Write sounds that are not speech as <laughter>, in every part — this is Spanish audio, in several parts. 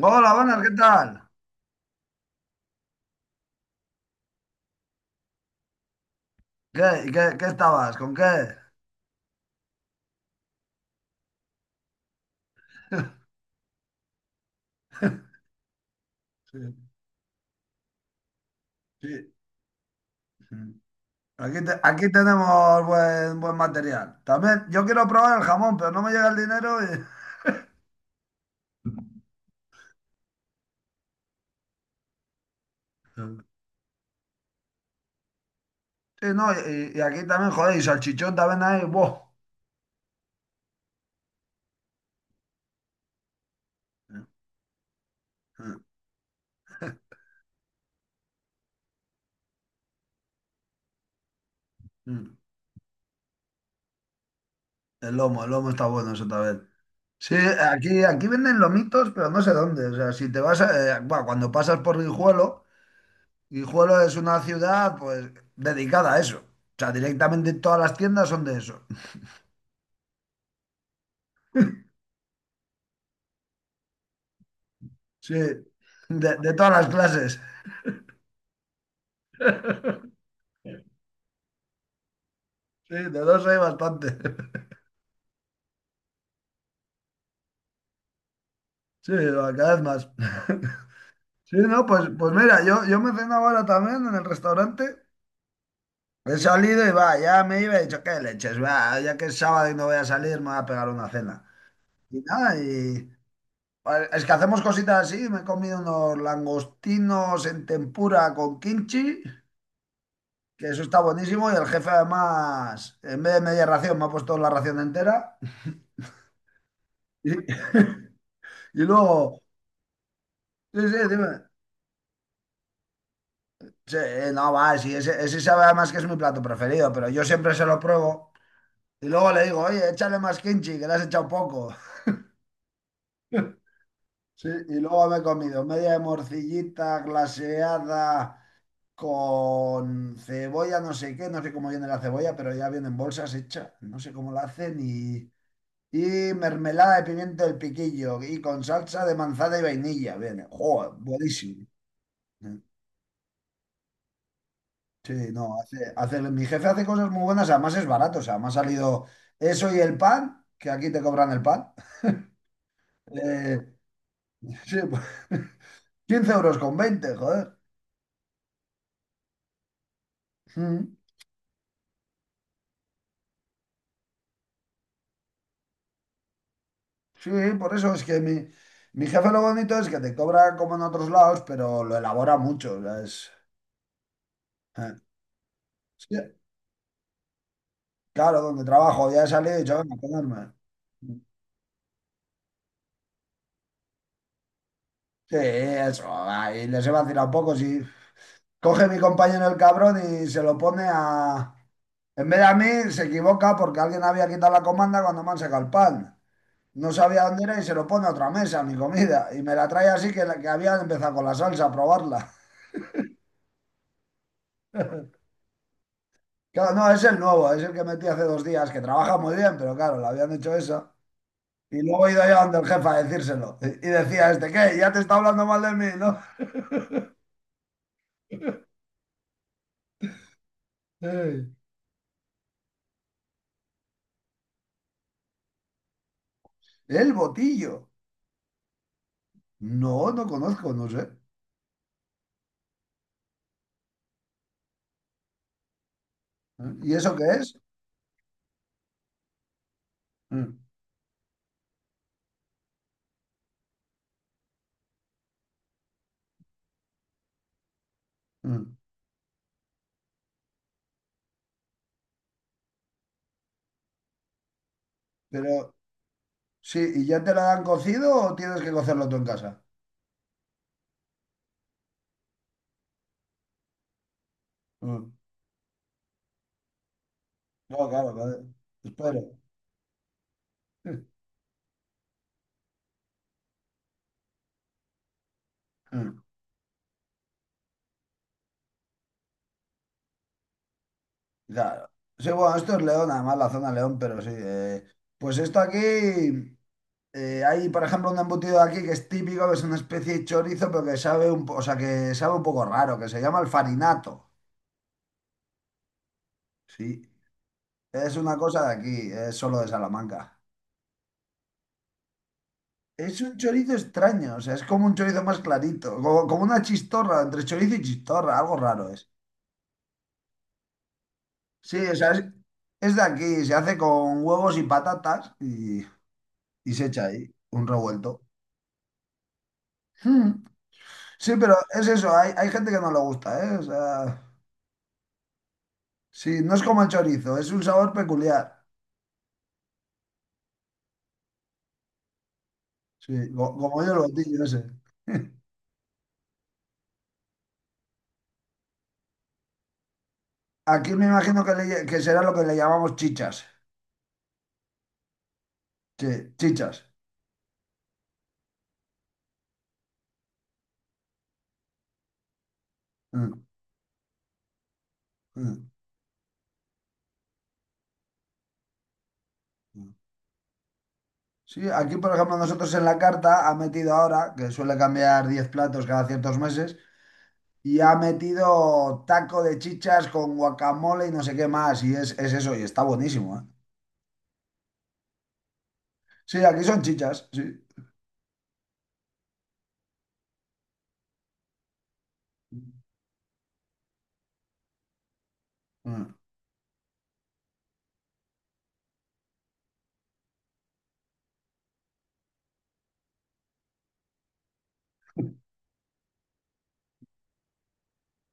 Hola, buenas, ¿qué tal? ¿Qué, qué estabas? ¿Con qué? Sí, sí, sí. Aquí tenemos buen material. También, yo quiero probar el jamón, pero no me llega el dinero. Y... <laughs> Sí, sí, no, y aquí también, joder, y salchichón también hay, ¡buah! Mm. El lomo está bueno eso también. Sí, aquí venden lomitos, pero no sé dónde. O sea, si te vas buah, cuando pasas por Guijuelo. Guijuelo es una ciudad pues dedicada a eso. O sea, directamente todas las tiendas son de eso. Sí, de todas las clases. Sí, de dos hay bastante. <laughs> Sí, cada vez más. <laughs> Sí, no, pues mira, yo me ceno ahora también en el restaurante. He salido y va, ya me iba y he dicho, qué leches, va, ya que es sábado y no voy a salir, me voy a pegar una cena. Y nada, y vale, es que hacemos cositas así, me he comido unos langostinos en tempura con kimchi, que eso está buenísimo, y el jefe además, en vez de media ración, me ha puesto la ración entera. <laughs> Y luego, sí, sí, dime. Sí, no, va, sí, ese sabe además que es mi plato preferido, pero yo siempre se lo pruebo y luego le digo, oye, échale más kimchi, que le has echado poco. <laughs> Sí, y luego me he comido media de morcillita glaseada con cebolla, no sé qué, no sé cómo viene la cebolla, pero ya viene en bolsas hecha, no sé cómo la hacen, y mermelada de pimiento del piquillo y con salsa de manzana y vainilla, viene, joder, buenísimo, ¿eh? Sí, no, mi jefe hace cosas muy buenas, además es barato, o sea, me ha salido eso y el pan, que aquí te cobran el pan. Eh, sí, <laughs> pues, 15 euros con veinte, joder. Mm. Sí, por eso es que mi, jefe lo bonito es que te cobra como en otros lados, pero lo elabora mucho. O sea, es... eh, sí, claro, donde trabajo, ya he salido y yo, venga, a comerme. Sí, eso, ahí les he vacilado un poco, si. Coge mi compañero el cabrón y se lo pone. A... En vez de a mí, se equivoca porque alguien había quitado la comanda cuando me han sacado el pan. No sabía dónde era y se lo pone a otra mesa, mi comida. Y me la trae así, que, que había empezado con la salsa a probarla. <laughs> Claro, no, es el nuevo, es el que metí hace dos días, que trabaja muy bien, pero claro, le habían hecho eso. Y luego he ido yo donde el jefe a decírselo. Y decía este, ¿qué? Ya te está hablando mal de mí, ¿no? <laughs> Ey. El botillo. No, no conozco, no sé. ¿Eh? ¿Y eso qué es? Mm, mm. Pero sí, ¿y ya te la dan cocido o tienes que cocerlo tú en casa? Mm. No, claro, claro. Espero. Mm. Mm, claro. Sí, bueno, esto es León, además la zona León, pero sí. Pues esto aquí, hay por ejemplo un embutido de aquí que es típico, que es una especie de chorizo, pero que sabe o sea, que sabe un poco raro, que se llama el farinato. Sí. Es una cosa de aquí, es solo de Salamanca. Es un chorizo extraño, o sea, es como un chorizo más clarito, como una chistorra, entre chorizo y chistorra, algo raro es. Sí, o sea, es de aquí, se hace con huevos y patatas y se echa ahí un revuelto. Mm. Sí, pero es eso, hay gente que no le gusta, ¿eh? O sea, sí, no es como el chorizo, es un sabor peculiar. Sí, como yo el botillo ese. <laughs> Aquí me imagino que, que será lo que le llamamos chichas. Sí, chichas. Mm, mm, mm. Sí, aquí por ejemplo nosotros en la carta ha metido ahora, que suele cambiar 10 platos cada ciertos meses. Y ha metido taco de chichas con guacamole y no sé qué más. Y es eso, y está buenísimo, ¿eh? Sí, aquí son chichas, sí. Ah,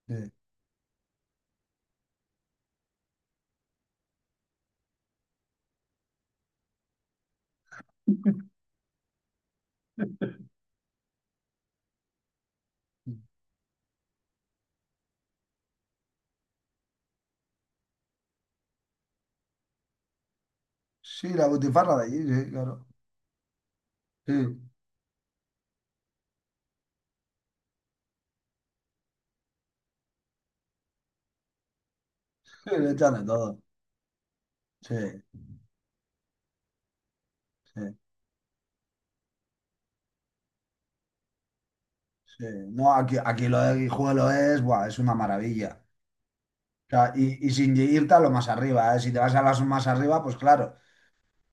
sí, sí, la butifarra de allí, sí, claro. Sí, sí, le echan de todo. Sí, sí, sí. No, aquí lo de Guijuelo es, buah, es una maravilla. O sea, y sin irte a lo más arriba, ¿eh? Si te vas a las más arriba, pues claro.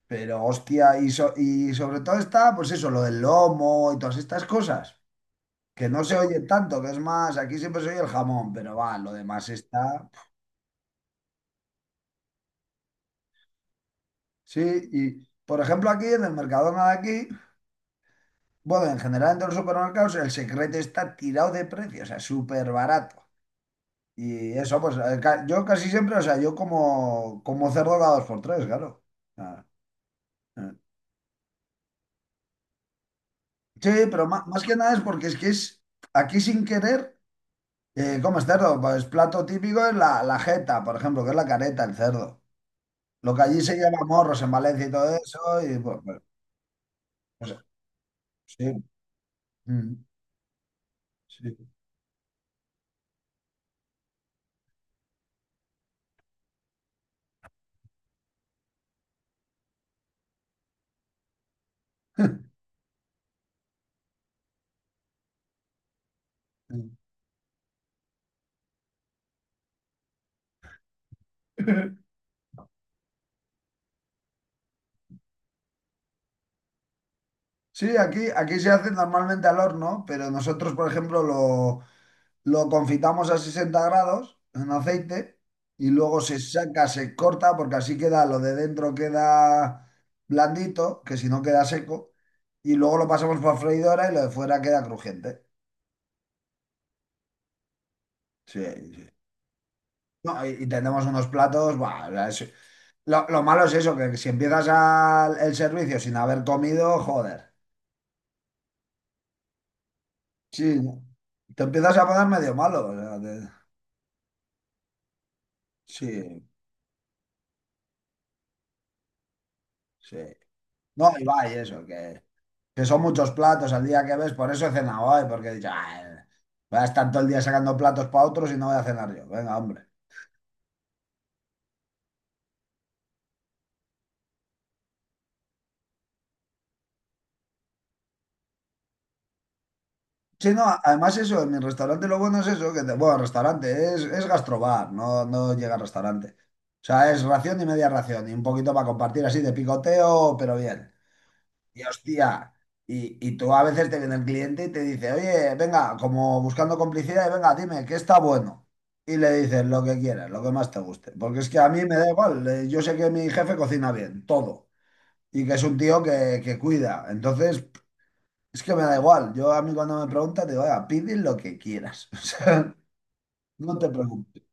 Pero hostia, y, y sobre todo está, pues eso, lo del lomo y todas estas cosas, que no se oye tanto, que es más, aquí siempre se oye el jamón, pero va, lo demás está. Sí, y por ejemplo aquí en el Mercadona de aquí, bueno, en general en todos los supermercados el secreto está tirado de precio, o sea, súper barato. Y eso, yo casi siempre, o sea, yo como, cerdo cada dos por tres, claro. Ah, eh. Sí, pero más, que nada es porque es que es aquí sin querer, comes cerdo, pues plato típico es la jeta, por ejemplo, que es la careta, el cerdo. Lo que allí se llama morros en Valencia y todo eso, y pues, sí. Mm, sí. <laughs> Sí, aquí se hace normalmente al horno, pero nosotros, por ejemplo, lo confitamos a 60 grados en aceite y luego se saca, se corta, porque así queda, lo de dentro queda blandito, que si no queda seco, y luego lo pasamos por freidora y lo de fuera queda crujiente. Sí, sí. No, y tenemos unos platos, buah, es. Lo, malo es eso, que si empiezas el servicio sin haber comido, joder. Sí, te empiezas a poner medio malo. O sea, sí, sí. No, y va, y eso, que son muchos platos al día que ves, por eso he cenado hoy, porque he dicho, "Ay, voy a estar todo el día sacando platos para otros y no voy a cenar yo. Venga, hombre." Sí, no, además eso, en mi restaurante lo bueno es eso, que, bueno, restaurante, es gastrobar, no, no llega al restaurante. O sea, es ración y media ración, y un poquito para compartir así de picoteo, pero bien. Y hostia, y tú a veces te viene el cliente y te dice, oye, venga, como buscando complicidad, y venga, dime, ¿qué está bueno? Y le dices lo que quieras, lo que más te guste. Porque es que a mí me da igual, yo sé que mi jefe cocina bien, todo. Y que es un tío que cuida. Entonces, es que me da igual. Yo a mí cuando me preguntan, digo, oiga, pide lo que quieras. <laughs> O sea, no te preocupes.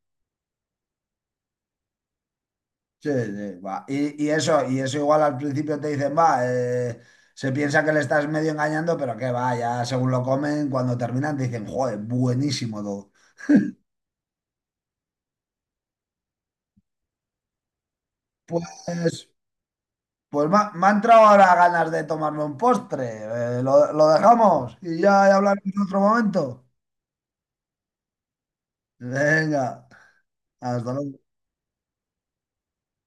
Sí, sí, va. Y eso, y eso igual al principio te dicen, va, se piensa que le estás medio engañando, pero que va, ya según lo comen, cuando terminan te dicen, joder, buenísimo todo. Pues, pues me ha entrado ahora ganas de tomarme un postre. Lo dejamos y ya hablaremos en otro momento. Venga, hasta luego.